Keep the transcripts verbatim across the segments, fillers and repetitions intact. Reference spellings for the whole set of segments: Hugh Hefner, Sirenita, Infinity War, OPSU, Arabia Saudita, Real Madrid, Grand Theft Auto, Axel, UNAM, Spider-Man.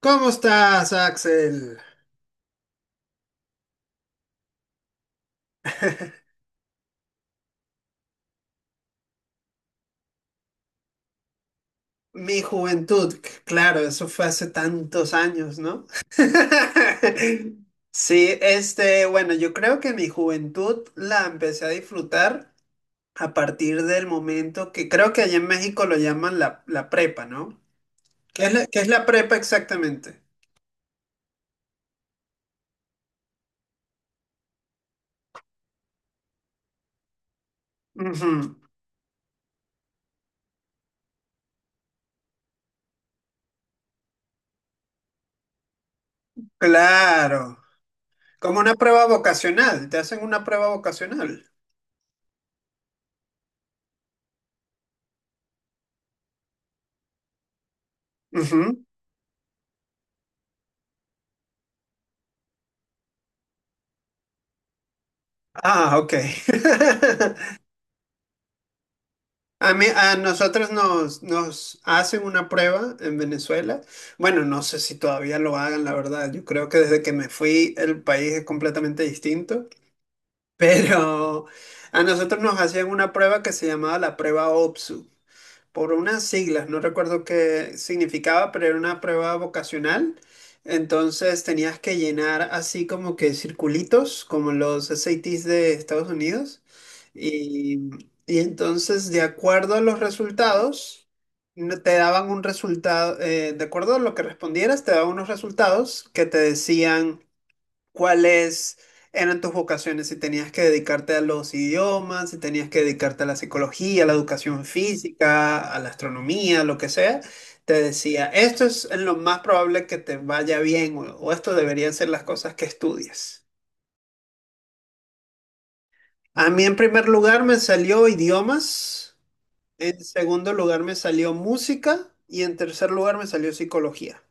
¿Cómo estás, Axel? Mi juventud, c- claro, eso fue hace tantos años, ¿no? Sí, este, bueno, yo creo que mi juventud la empecé a disfrutar a partir del momento que creo que allá en México lo llaman la, la prepa, ¿no? ¿Qué es la, qué es la prepa exactamente? Ujú, Claro, como una prueba vocacional, te hacen una prueba vocacional. Ujú. Ah, ok. A mí, a nosotros nos, nos hacen una prueba en Venezuela. Bueno, no sé si todavía lo hagan, la verdad. Yo creo que desde que me fui el país es completamente distinto. Pero a nosotros nos hacían una prueba que se llamaba la prueba O P S U por unas siglas, no recuerdo qué significaba, pero era una prueba vocacional. Entonces tenías que llenar así como que circulitos, como los S A Ts de Estados Unidos. Y, y entonces, de acuerdo a los resultados, no- te daban un resultado, eh, de acuerdo a lo que respondieras, te daban unos resultados que te decían ¿Cuáles eran tus vocaciones? Si tenías que dedicarte a los idiomas, si tenías que dedicarte a la psicología, a la educación física, a la astronomía, lo que sea, te decía, esto es en lo más probable que te vaya bien o, o esto deberían ser las cosas que estudias. A mí en primer lugar me salió idiomas, en segundo lugar me salió música y en tercer lugar me salió psicología.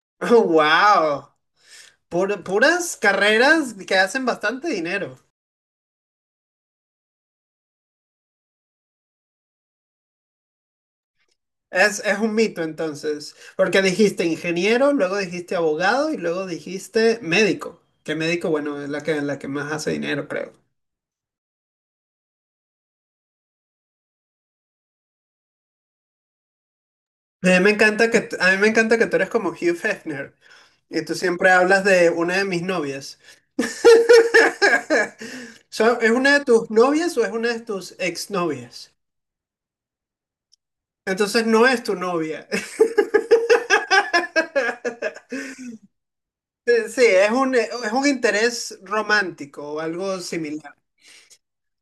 ¡Wow! Pur- puras carreras que hacen bastante dinero. Es, es un mito entonces, porque dijiste ingeniero, luego dijiste abogado y luego dijiste médico. Que médico, bueno, es la que, la que, más hace dinero, creo. A mí me encanta que, t- a mí me encanta que tú eres como Hugh Hefner y tú siempre hablas de una de mis novias. So, ¿es una de tus novias o es una de tus exnovias? Entonces no es tu novia. Sí, es un, es un interés romántico o algo similar.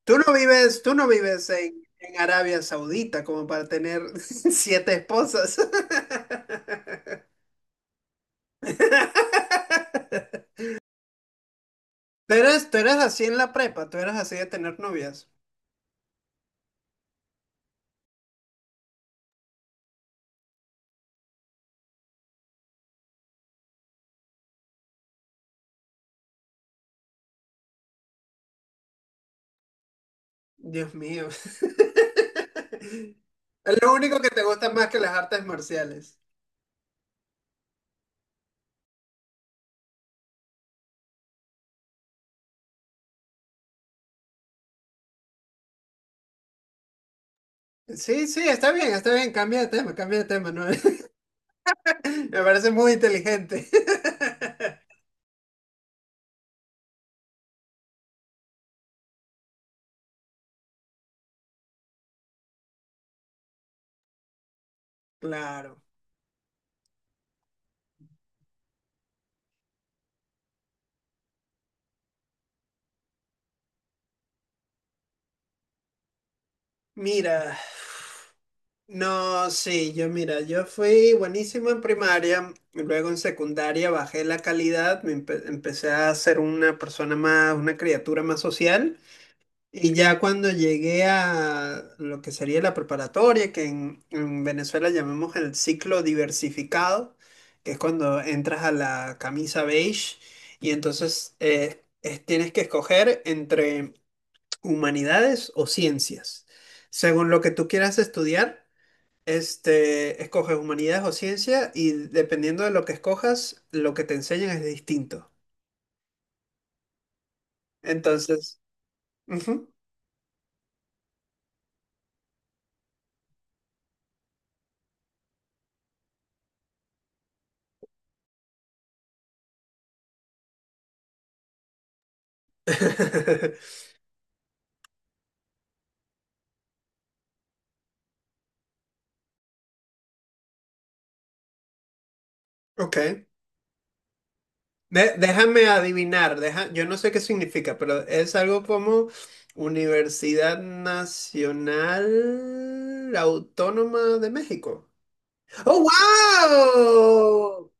Tú no vives, tú no vives en, en Arabia Saudita como para tener siete esposas. Tú eres, tú eres así en la prepa, tú eres así de tener novias. Dios mío. Es lo único que te gusta más que las artes marciales. Sí, sí, está bien, está bien, cambia de tema, cambia de tema, ¿no? Me parece muy inteligente. Claro. Mira. No, sí, yo mira, yo fui buenísimo en primaria, y luego en secundaria bajé la calidad, me empe- empecé a ser una persona más, una criatura más social, y ya cuando llegué a lo que sería la preparatoria, que en, en Venezuela llamamos el ciclo diversificado, que es cuando entras a la camisa beige, y entonces eh, es- tienes que escoger entre humanidades o ciencias, según lo que tú quieras estudiar. Este, escoges humanidades o ciencia y dependiendo de lo que escojas, lo que te enseñan es distinto. Entonces, ujú. Ok. De- déjame adivinar, deja- yo no sé qué significa, pero es algo como Universidad Nacional Autónoma de México. ¡Oh, wow!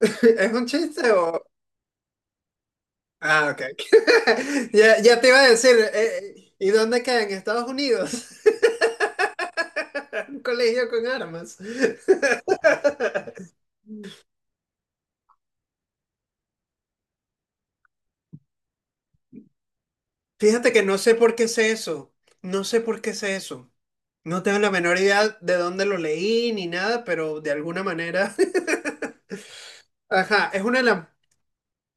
¿Es un chiste o...? Ah, ok. Ya, ya te iba a decir, eh, eh, ¿y dónde queda? ¿En Estados Unidos? Un colegio con armas. Fíjate que no sé por qué sé eso. No sé por qué sé eso. No tengo la menor idea de dónde lo leí ni nada, pero de alguna manera. Ajá, es una de las.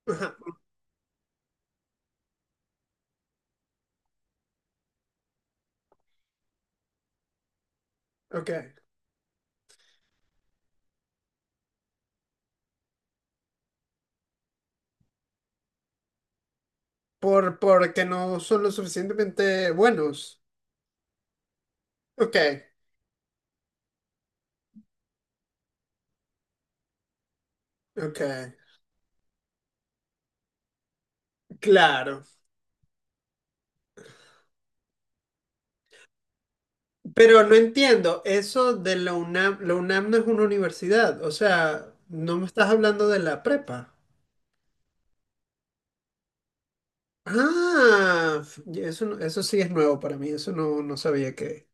Ajá, ok. Por, porque no son lo suficientemente buenos. Ok, ok. Claro. Pero no entiendo, eso de la UNAM. La UNAM no es una universidad. O sea, no me estás hablando de la prepa. Ah, ya eso, no- eso sí es nuevo para mí, eso no, no sabía que,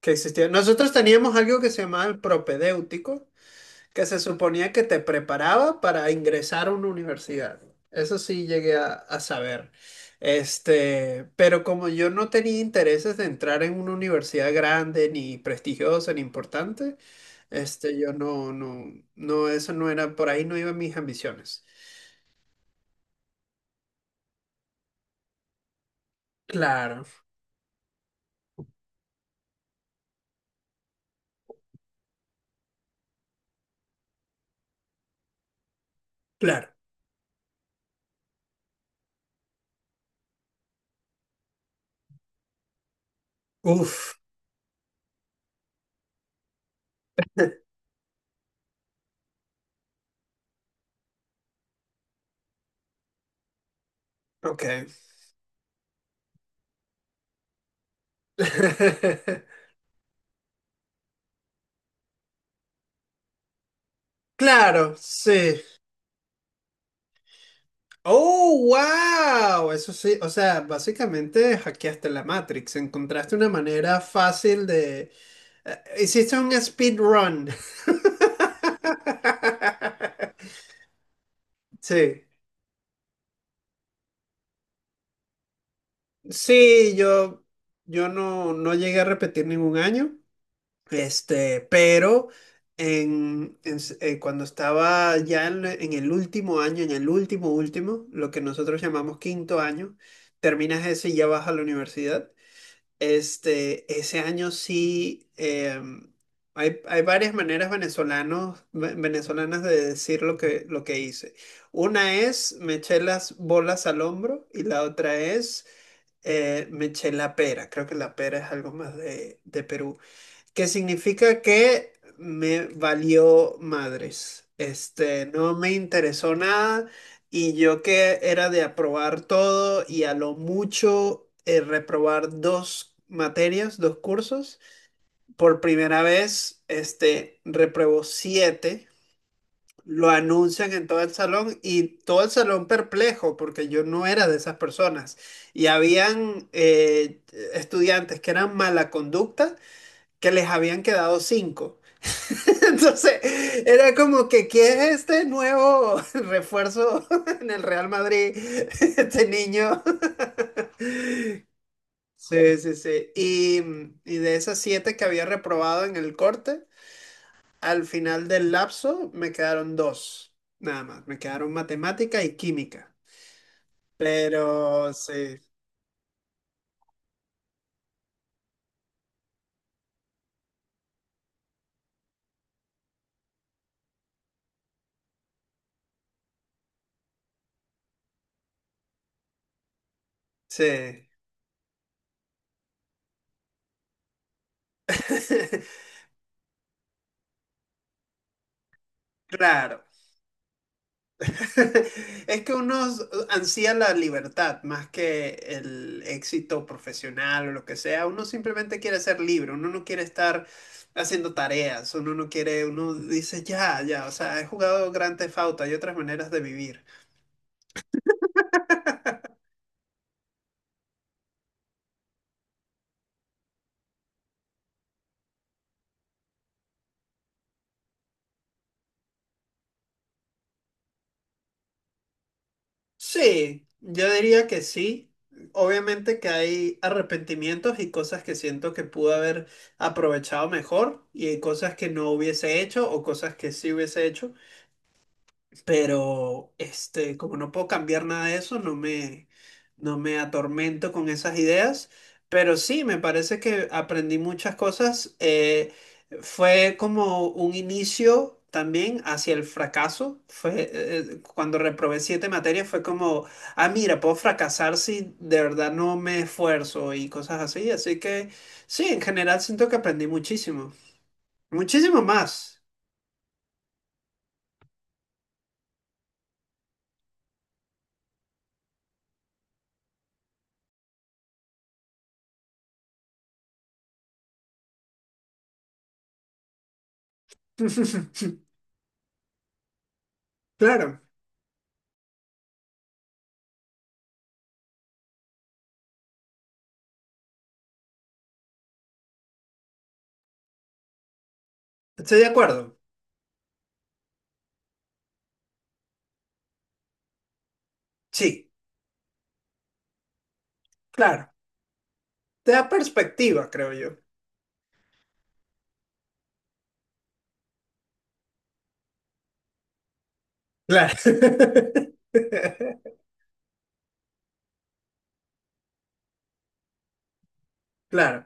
que existía. Nosotros teníamos algo que se llamaba el propedéutico, que se suponía que te preparaba para ingresar a una universidad. Eso sí llegué a, a saber. Este, pero como yo no tenía intereses de entrar en una universidad grande, ni prestigiosa, ni importante, este, yo no, no, no, eso no era, por ahí no iban mis ambiciones. Claro, claro. Uf, ok. Claro, sí. Oh, wow. Eso sí, o sea, básicamente hackeaste la Matrix, encontraste una manera fácil de... eh, hiciste un speedrun. Sí. Sí, yo, yo no, no llegué a repetir ningún año. Este, pero en, en s- eh, cuando estaba ya en, en el último año, en el último último, lo que nosotros llamamos quinto año, terminas ese y ya vas a la universidad. Este, ese año sí, em, hay, hay varias maneras venezolanos, ve- venezolanas de decir lo que, lo que hice. Una es me eché las bolas al hombro y la otra es eh, me eché la pera. Creo que la pera es algo más de, de Perú que significa que me valió madres. Este, no me interesó nada y yo que era de aprobar todo y a lo mucho eh, reprobar dos materias, dos cursos. Por primera vez, este, repruebo siete. Lo anuncian en todo el salón y todo el salón perplejo porque yo no era de esas personas. Y habían eh, estudiantes que eran mala conducta que les habían quedado cinco. Entonces, era como que, ¿quién es este nuevo refuerzo en el Real Madrid? Este niño. Sí, sí, sí. Y, y de esas siete que había reprobado en el corte, al final del lapso me quedaron dos, nada más. Me quedaron matemática y química. Pero sí, sí. Claro. Es que uno ansía la libertad más que el éxito profesional o lo que sea. Uno simplemente quiere ser libre, uno no quiere estar haciendo tareas, uno no quiere, uno dice ya, ya, o sea, he jugado Grand Theft Auto, hay otras maneras de vivir. Sí, yo diría que sí. Obviamente que hay arrepentimientos y cosas que siento que pude haber aprovechado mejor y hay cosas que no hubiese hecho o cosas que sí hubiese hecho. Pero este, como no puedo cambiar nada de eso, no me, no me atormento con esas ideas, pero sí, me parece que aprendí muchas cosas. eh, fue como un inicio también hacia el fracaso. Fue, eh, eh, cuando reprobé siete materias fue como, ah, mira, puedo fracasar si de verdad no me esfuerzo y cosas así. Así que sí, en general siento que aprendí muchísimo, muchísimo más. Claro, estoy de acuerdo. Sí. Claro, te da perspectiva, creo yo. Claro. Claro.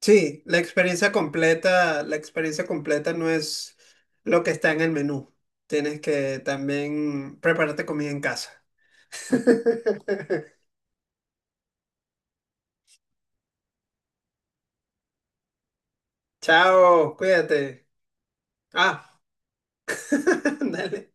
Sí, la experiencia completa, la experiencia completa no es lo que está en el menú. Tienes que también prepararte comida en casa. Chao, cuídate. Ah, dale.